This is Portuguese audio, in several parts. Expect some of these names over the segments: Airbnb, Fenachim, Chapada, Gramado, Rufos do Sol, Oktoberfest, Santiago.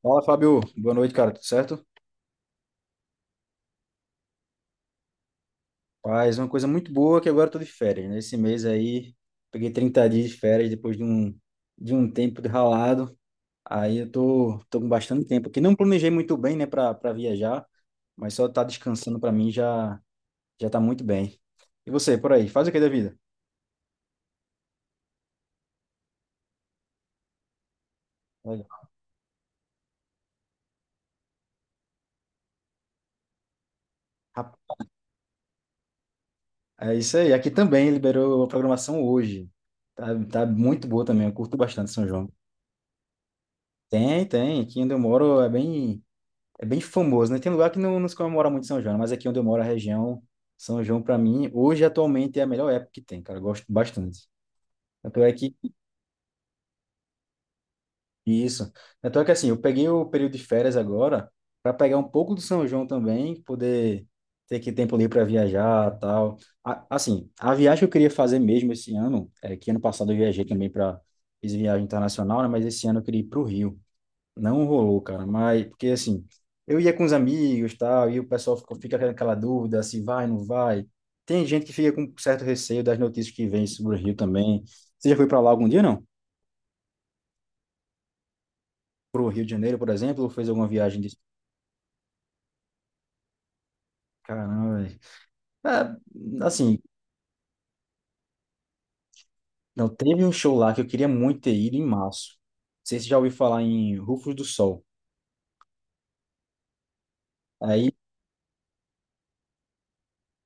Fala, Fábio. Boa noite, cara. Tudo certo? Paz, uma coisa muito boa que agora eu tô de férias, né? Esse mês aí, peguei 30 dias de férias depois de um tempo de ralado. Aí eu tô com bastante tempo aqui. Não planejei muito bem, né, pra viajar, mas só tá descansando pra mim já, já tá muito bem. E você, por aí, faz o que da vida? Olha, rap- é isso aí. Aqui também liberou a programação hoje. Tá muito boa também. Eu curto bastante São João. Tem, tem. Aqui onde eu moro é bem. É bem famoso, né? Tem lugar que não se comemora muito São João, mas aqui onde eu moro, a região São João, para mim, hoje atualmente é a melhor época que tem, cara. Eu gosto bastante. Tanto é que isso. Tanto é que, assim, eu peguei o período de férias agora para pegar um pouco do São João também, poder ter que tempo livre para viajar, tal. Assim, a viagem que eu queria fazer mesmo esse ano, é que ano passado eu viajei também para fiz viagem internacional, né? Mas esse ano eu queria ir para o Rio. Não rolou, cara, mas porque, assim, eu ia com os amigos, tal, e o pessoal fica com aquela dúvida se vai, não vai. Tem gente que fica com certo receio das notícias que vem sobre o Rio também. Você já foi para lá algum dia, não? Pro Rio de Janeiro, por exemplo, ou fez alguma viagem de. Caramba, velho. É, assim, não teve um show lá que eu queria muito ter ido em março. Não sei se você já ouviu falar em Rufos do Sol. Aí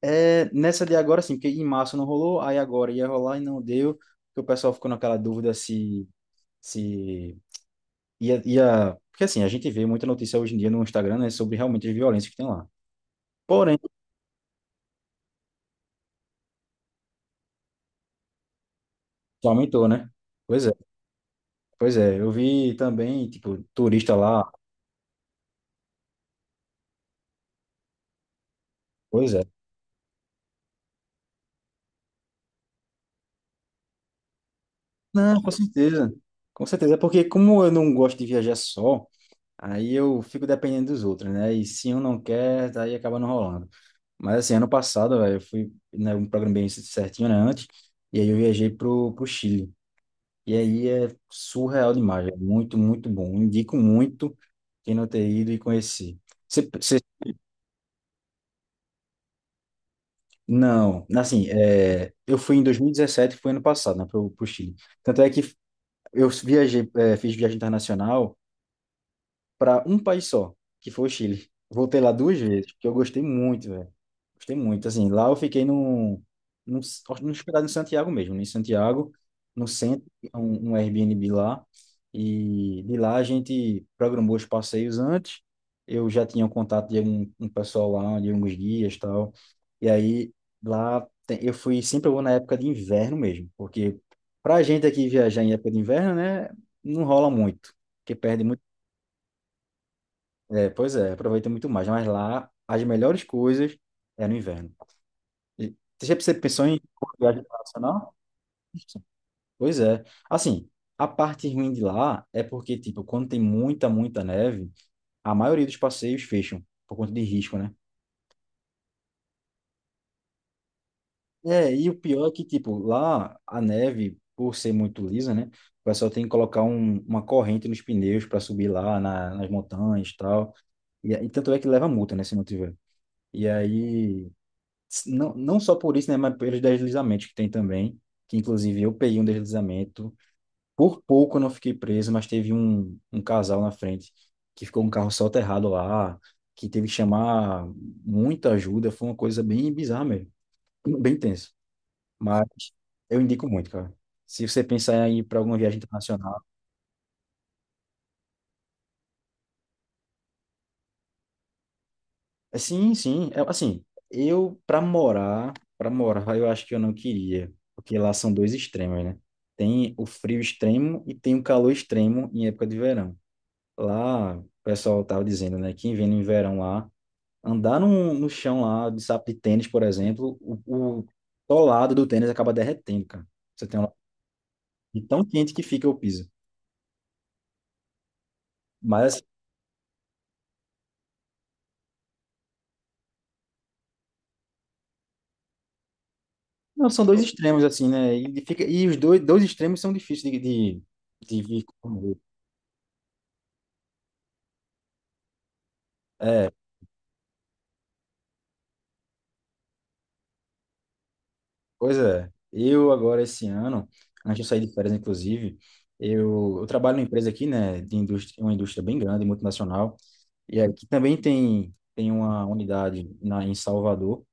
é nessa de agora, sim, porque em março não rolou, aí agora ia rolar e não deu, porque o pessoal ficou naquela dúvida se. Porque assim, a gente vê muita notícia hoje em dia no Instagram, né, sobre realmente as violências que tem lá. Porém, só aumentou, né? Pois é, pois é. Eu vi também, tipo, turista lá. Pois é. Não, com certeza. Com certeza. Porque como eu não gosto de viajar só, aí eu fico dependendo dos outros, né? E se um não quer, daí acaba não rolando. Mas, assim, ano passado, velho, eu fui, né, um programa bem certinho, né, antes, e aí eu viajei pro Chile. E aí é surreal demais, é muito, muito bom. Indico muito quem não ter ido e conhecer. Você, você- não, assim, é, eu fui em 2017, foi ano passado, né, para o Chile. Tanto é que eu viajei, fiz viagem internacional para um país só, que foi o Chile. Voltei lá duas vezes, porque eu gostei muito, velho. Gostei muito, assim, lá eu fiquei num, num hospedado em Santiago mesmo, em Santiago, no centro, um Airbnb lá, e de lá a gente programou os passeios antes, eu já tinha um contato de um pessoal lá, de alguns guias e tal, e aí eu fui, sempre eu vou na época de inverno mesmo, porque pra gente aqui viajar em época de inverno, né, não rola muito, porque perde muito é, pois é, aproveita muito mais. Mas lá, as melhores coisas é no inverno. E você pensou em viagem internacional? Pois é. Assim, a parte ruim de lá é porque, tipo, quando tem muita, muita neve, a maioria dos passeios fecham, por conta de risco, né? É, e o pior é que, tipo, lá a neve, por ser muito lisa, né? O pessoal tem que colocar uma corrente nos pneus para subir lá nas montanhas e tal. E tanto é que leva multa, né, se não tiver. E aí. Não, não só por isso, né, mas pelos deslizamentos que tem também, que inclusive eu peguei um deslizamento. Por pouco eu não fiquei preso, mas teve um casal na frente que ficou um carro soterrado lá, que teve que chamar muita ajuda. Foi uma coisa bem bizarra mesmo, bem tenso. Mas eu indico muito, cara. Se você pensar em ir para alguma viagem internacional, é, sim, sim. É, assim, eu para morar, eu acho que eu não queria, porque lá são dois extremos, né? Tem o frio extremo e tem o calor extremo em época de verão. Lá, o pessoal tava dizendo, né, que vem no verão lá, andar no chão lá de sapato de tênis, por exemplo, o solado do tênis acaba derretendo, cara. Você tem uma, de tão quente que fica o piso. Mas, assim, não, são dois extremos, assim, né? E os dois extremos são difíceis de vir. Pois é, eu agora esse ano, antes de sair de férias, inclusive, eu trabalho numa empresa aqui, né, de indústria, uma indústria bem grande, multinacional, e aqui também tem, uma unidade em Salvador,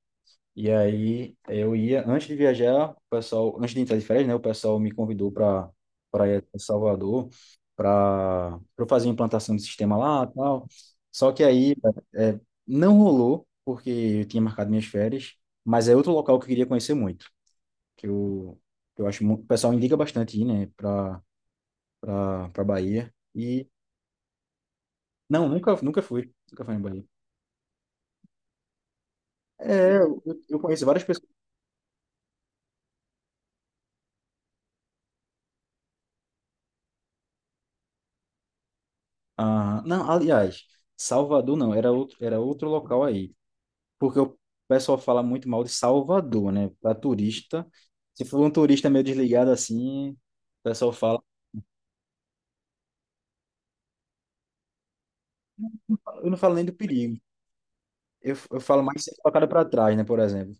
e aí eu ia, antes de viajar, o pessoal, antes de entrar de férias, né, o pessoal me convidou para ir a Salvador, para eu fazer a implantação do sistema lá e tal, só que aí é, não rolou, porque eu tinha marcado minhas férias, mas é outro local que eu queria conhecer muito que eu, que eu, acho muito, o pessoal indica bastante ir, né, pra Bahia. E, não, nunca fui na Bahia. É, eu conheço várias pessoas. Ah, não, aliás, Salvador não, era outro local aí. Porque o pessoal fala muito mal de Salvador, né, para turista. Se for um turista meio desligado assim, o pessoal fala. Eu não falo nem do perigo. Eu falo mais sempre colocado para trás, né, por exemplo.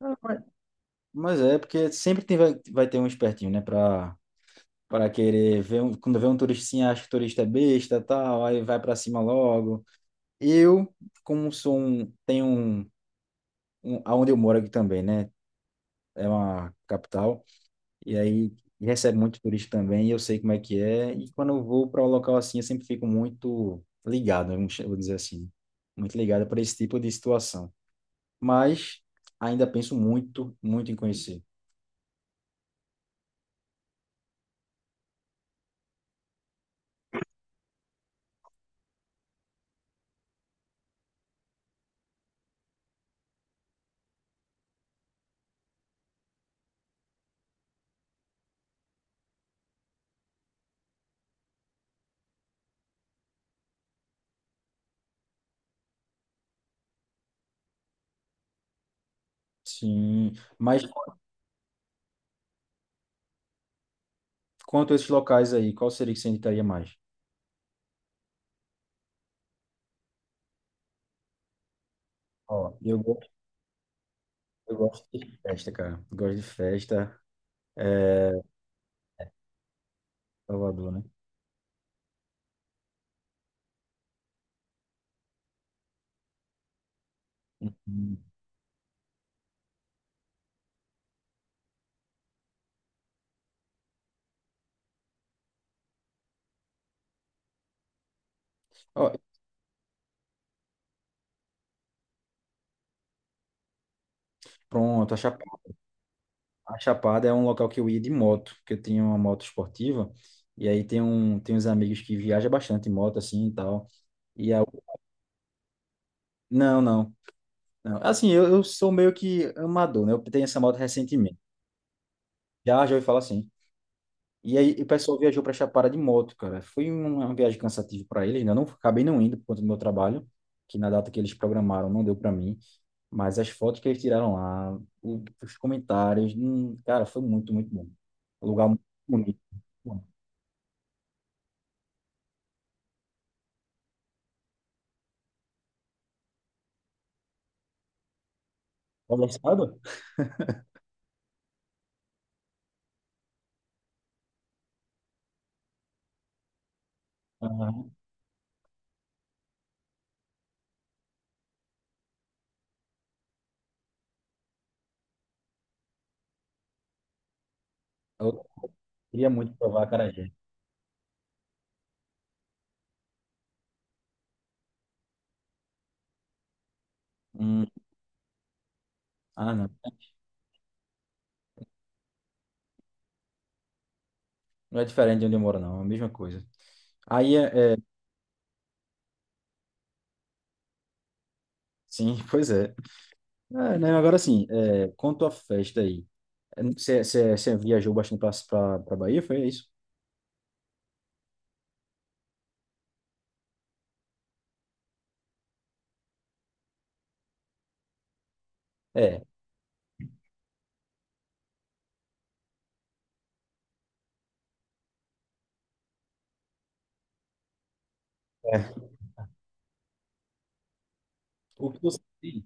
Ah, mas é, porque sempre tem, vai ter um espertinho, né, para querer ver um, quando vê um turistinha acha que o turista é besta, tal, aí vai para cima logo. Eu, como tenho um aonde eu moro aqui também, né? É uma capital e aí recebe muito turista também, e eu sei como é que é, e quando eu vou para um local assim, eu sempre fico muito ligado, vou dizer assim, muito ligado para esse tipo de situação. Mas ainda penso muito, muito em conhecer. Sim, mas quanto a esses locais aí, qual seria que você indicaria mais? Ó, eu gosto de festa, cara. Eu gosto de festa. É... Salvador, né? Uhum. Ó, pronto, a Chapada. A Chapada é um local que eu ia de moto, porque eu tinha uma moto esportiva. E aí tem uns amigos que viajam bastante em moto, assim, e tal. E a... Não, não, não. Assim, eu sou meio que amador, né? Eu tenho essa moto recentemente. Já, já ouvi falar assim. E aí o pessoal viajou pra Chapada de moto, cara. Foi uma viagem cansativa para eles, né? Eu não, acabei não indo por conta do meu trabalho, que na data que eles programaram não deu para mim. Mas as fotos que eles tiraram lá, os comentários, cara, foi muito, muito bom. Um lugar muito bonito. Bom, olha esse lado? Aham. Eu queria muito provar acarajé. Hum, ah, não. Não é diferente de onde eu moro, não. É a mesma coisa. Aí, sim, pois é. É, né, agora sim, quanto à festa aí. É, você viajou bastante para Bahia, foi isso? É. É. O que eu sei,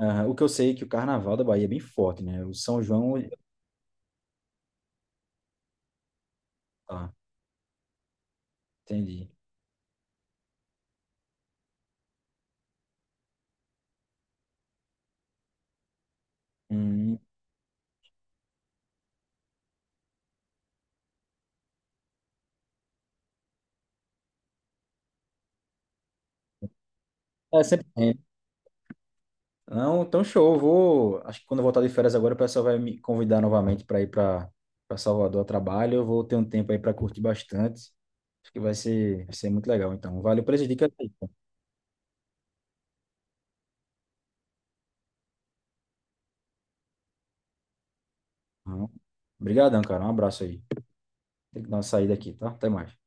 aham, o que eu sei é que o carnaval da Bahia é bem forte, né? O São João. Ah, entendi. Hum. É, sempre tem. Não, então, show. Eu vou. Acho que quando eu voltar de férias agora, o pessoal vai me convidar novamente para ir para Salvador a trabalho. Eu vou ter um tempo aí para curtir bastante. Acho que vai ser muito legal. Então, valeu pelas dicas aí, pô. Não. Obrigadão, cara. Um abraço aí. Tem que dar uma saída aqui, tá? Até mais.